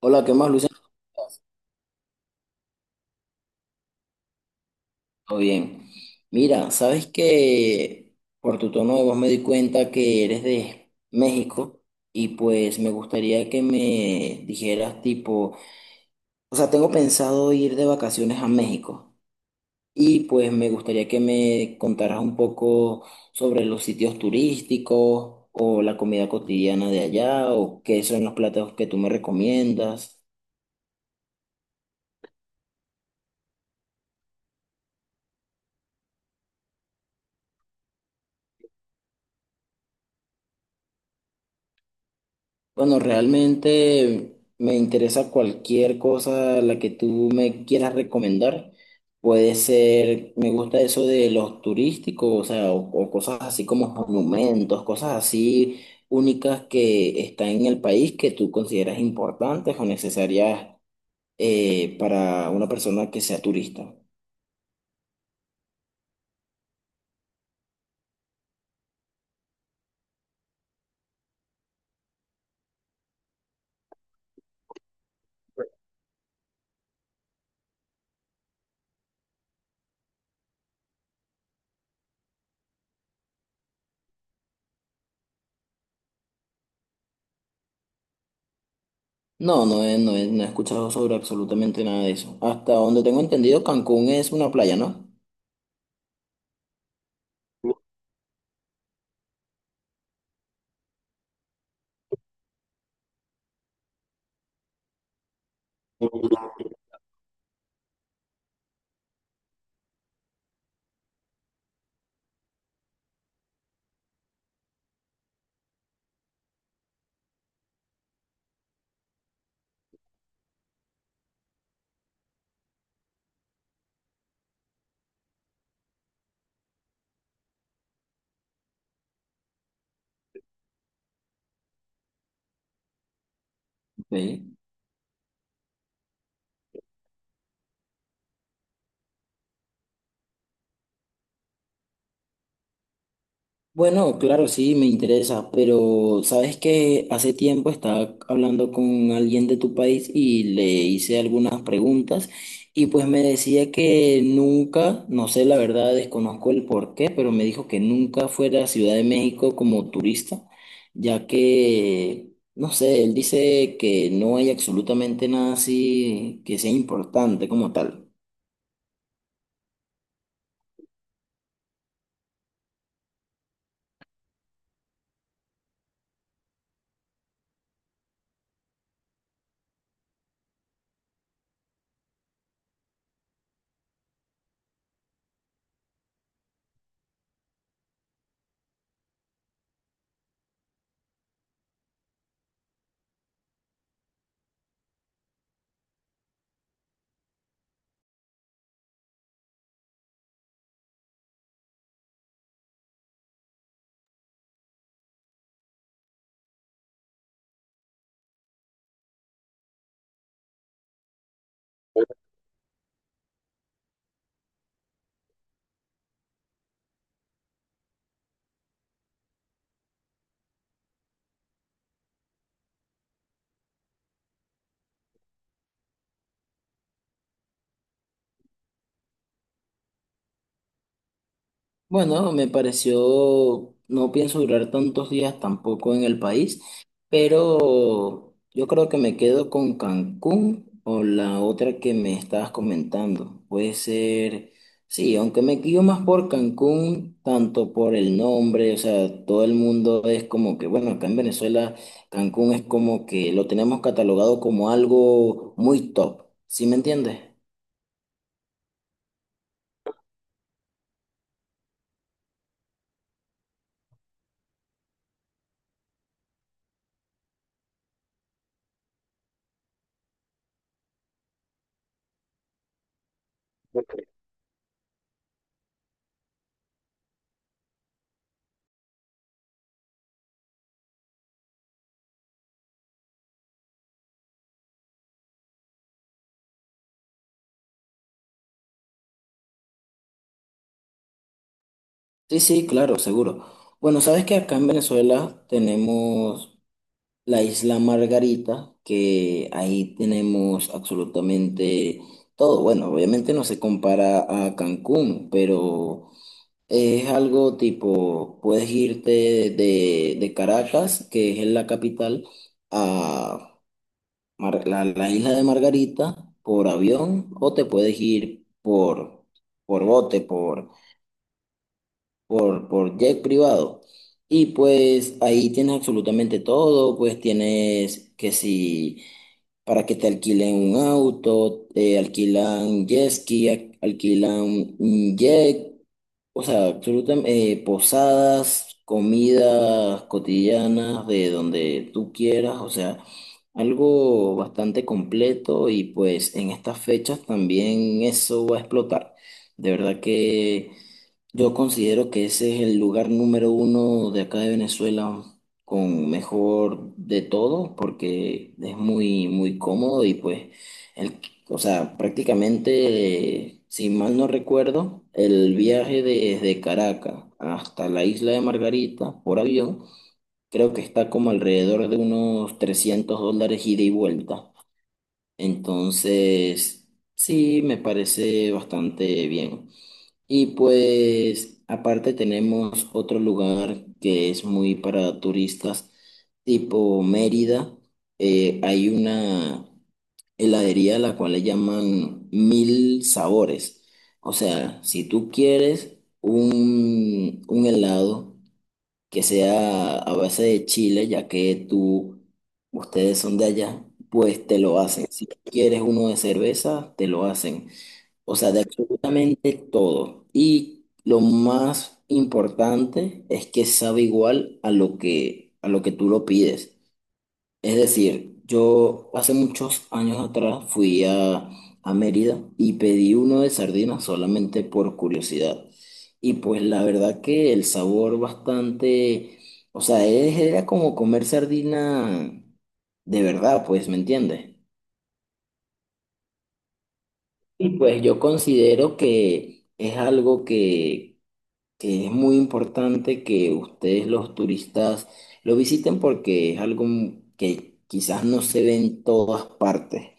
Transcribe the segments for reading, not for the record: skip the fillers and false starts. Hola, ¿qué más, Luciano? Todo bien. Mira, sabes que por tu tono de voz me di cuenta que eres de México y pues me gustaría que me dijeras tipo, o sea, tengo pensado ir de vacaciones a México y pues me gustaría que me contaras un poco sobre los sitios turísticos o la comida cotidiana de allá o qué son los platos que tú me recomiendas. Bueno, realmente me interesa cualquier cosa la que tú me quieras recomendar. Puede ser, me gusta eso de los turísticos, o sea, o cosas así como monumentos, cosas así únicas que están en el país que tú consideras importantes o necesarias para una persona que sea turista. No, no he escuchado sobre absolutamente nada de eso. Hasta donde tengo entendido, Cancún es una playa, ¿no? Ok. Bueno, claro, sí, me interesa, pero sabes que hace tiempo estaba hablando con alguien de tu país y le hice algunas preguntas y pues me decía que nunca, no sé la verdad, desconozco el por qué, pero me dijo que nunca fuera a Ciudad de México como turista, ya que, no sé, él dice que no hay absolutamente nada así que sea importante como tal. Bueno, me pareció, no pienso durar tantos días tampoco en el país, pero yo creo que me quedo con Cancún o la otra que me estabas comentando. Puede ser, sí, aunque me guío más por Cancún, tanto por el nombre, o sea, todo el mundo es como que, bueno, acá en Venezuela Cancún es como que lo tenemos catalogado como algo muy top, ¿sí me entiendes? Sí, sí, claro, seguro. Bueno, sabes que acá en Venezuela tenemos la isla Margarita, que ahí tenemos absolutamente todo. Bueno, obviamente no se compara a Cancún, pero es algo tipo, puedes irte de Caracas, que es la capital, a la isla de Margarita por avión, o te puedes ir por bote, por jet privado. Y pues ahí tienes absolutamente todo, pues tienes que si para que te alquilen un auto, alquilan jet ski, alquilan un jet, o sea, absolutamente, posadas, comidas cotidianas de donde tú quieras, o sea, algo bastante completo y pues en estas fechas también eso va a explotar. De verdad que yo considero que ese es el lugar número uno de acá de Venezuela con mejor de todo porque es muy, muy cómodo y pues el o sea, prácticamente, si mal no recuerdo, el viaje desde Caracas hasta la isla de Margarita por avión, creo que está como alrededor de unos $300 ida y vuelta. Entonces, sí, me parece bastante bien. Y pues, aparte tenemos otro lugar que es muy para turistas, tipo Mérida. Hay una heladería la cual le llaman mil sabores. O sea, si tú quieres un helado que sea a base de chile, ya que tú, ustedes son de allá, pues te lo hacen. Si quieres uno de cerveza, te lo hacen. O sea, de absolutamente todo. Y lo más importante es que sabe igual a lo que tú lo pides. Es decir, yo hace muchos años atrás fui a Mérida y pedí uno de sardinas solamente por curiosidad. Y pues la verdad que el sabor bastante, o sea, era como comer sardina de verdad, pues, ¿me entiendes? Y pues yo considero que es algo que es muy importante que ustedes los turistas lo visiten porque es algo que quizás no se ve en todas partes.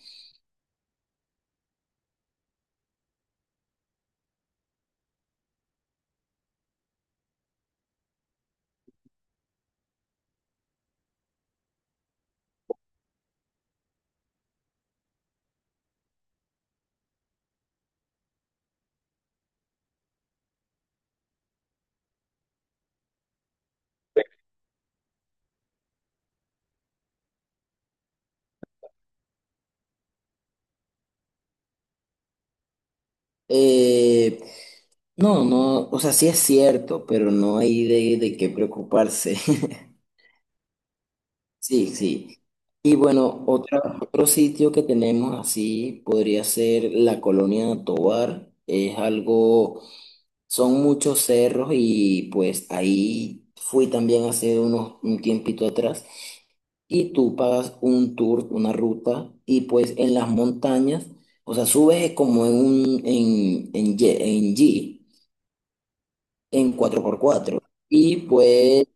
Eh, no, no, o sea, sí es cierto, pero no hay de qué preocuparse. Sí, sí. Y bueno, otro sitio que tenemos así podría ser la Colonia Tovar. Es algo, son muchos cerros y pues ahí fui también hace un tiempito atrás y tú pagas un tour, una ruta y pues en las montañas, o sea, subes como en un, en, ye- en G. en cuatro por cuatro. Y pues,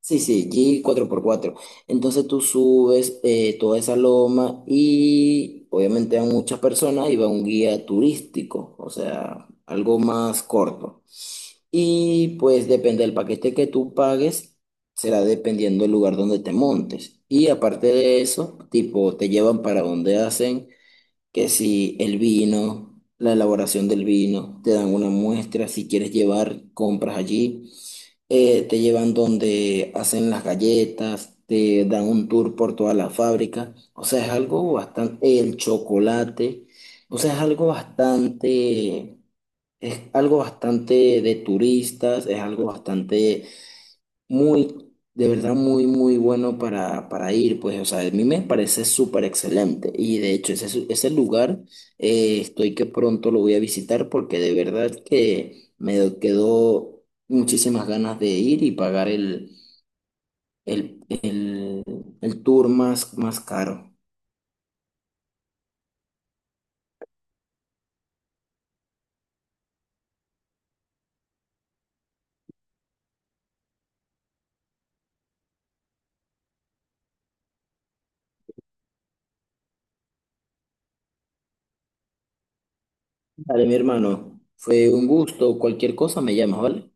sí, sí, Jeep cuatro por cuatro. Entonces tú subes toda esa loma y obviamente a muchas personas y va un guía turístico, o sea, algo más corto. Y pues depende del paquete que tú pagues, será dependiendo del lugar donde te montes. Y aparte de eso, tipo, te llevan para donde hacen, que si el vino, la elaboración del vino, te dan una muestra, si quieres llevar, compras allí te llevan donde hacen las galletas, te dan un tour por toda la fábrica, o sea, es algo bastante, el chocolate, o sea, es algo bastante de turistas, es algo bastante muy, de verdad, muy, muy bueno para, ir, pues, o sea, a mí me parece súper excelente. Y de hecho, ese lugar, estoy que pronto lo voy a visitar porque de verdad que me quedó muchísimas ganas de ir y pagar el, el, el tour más, más caro. Vale, mi hermano, fue un gusto. Cualquier cosa me llamas, ¿vale?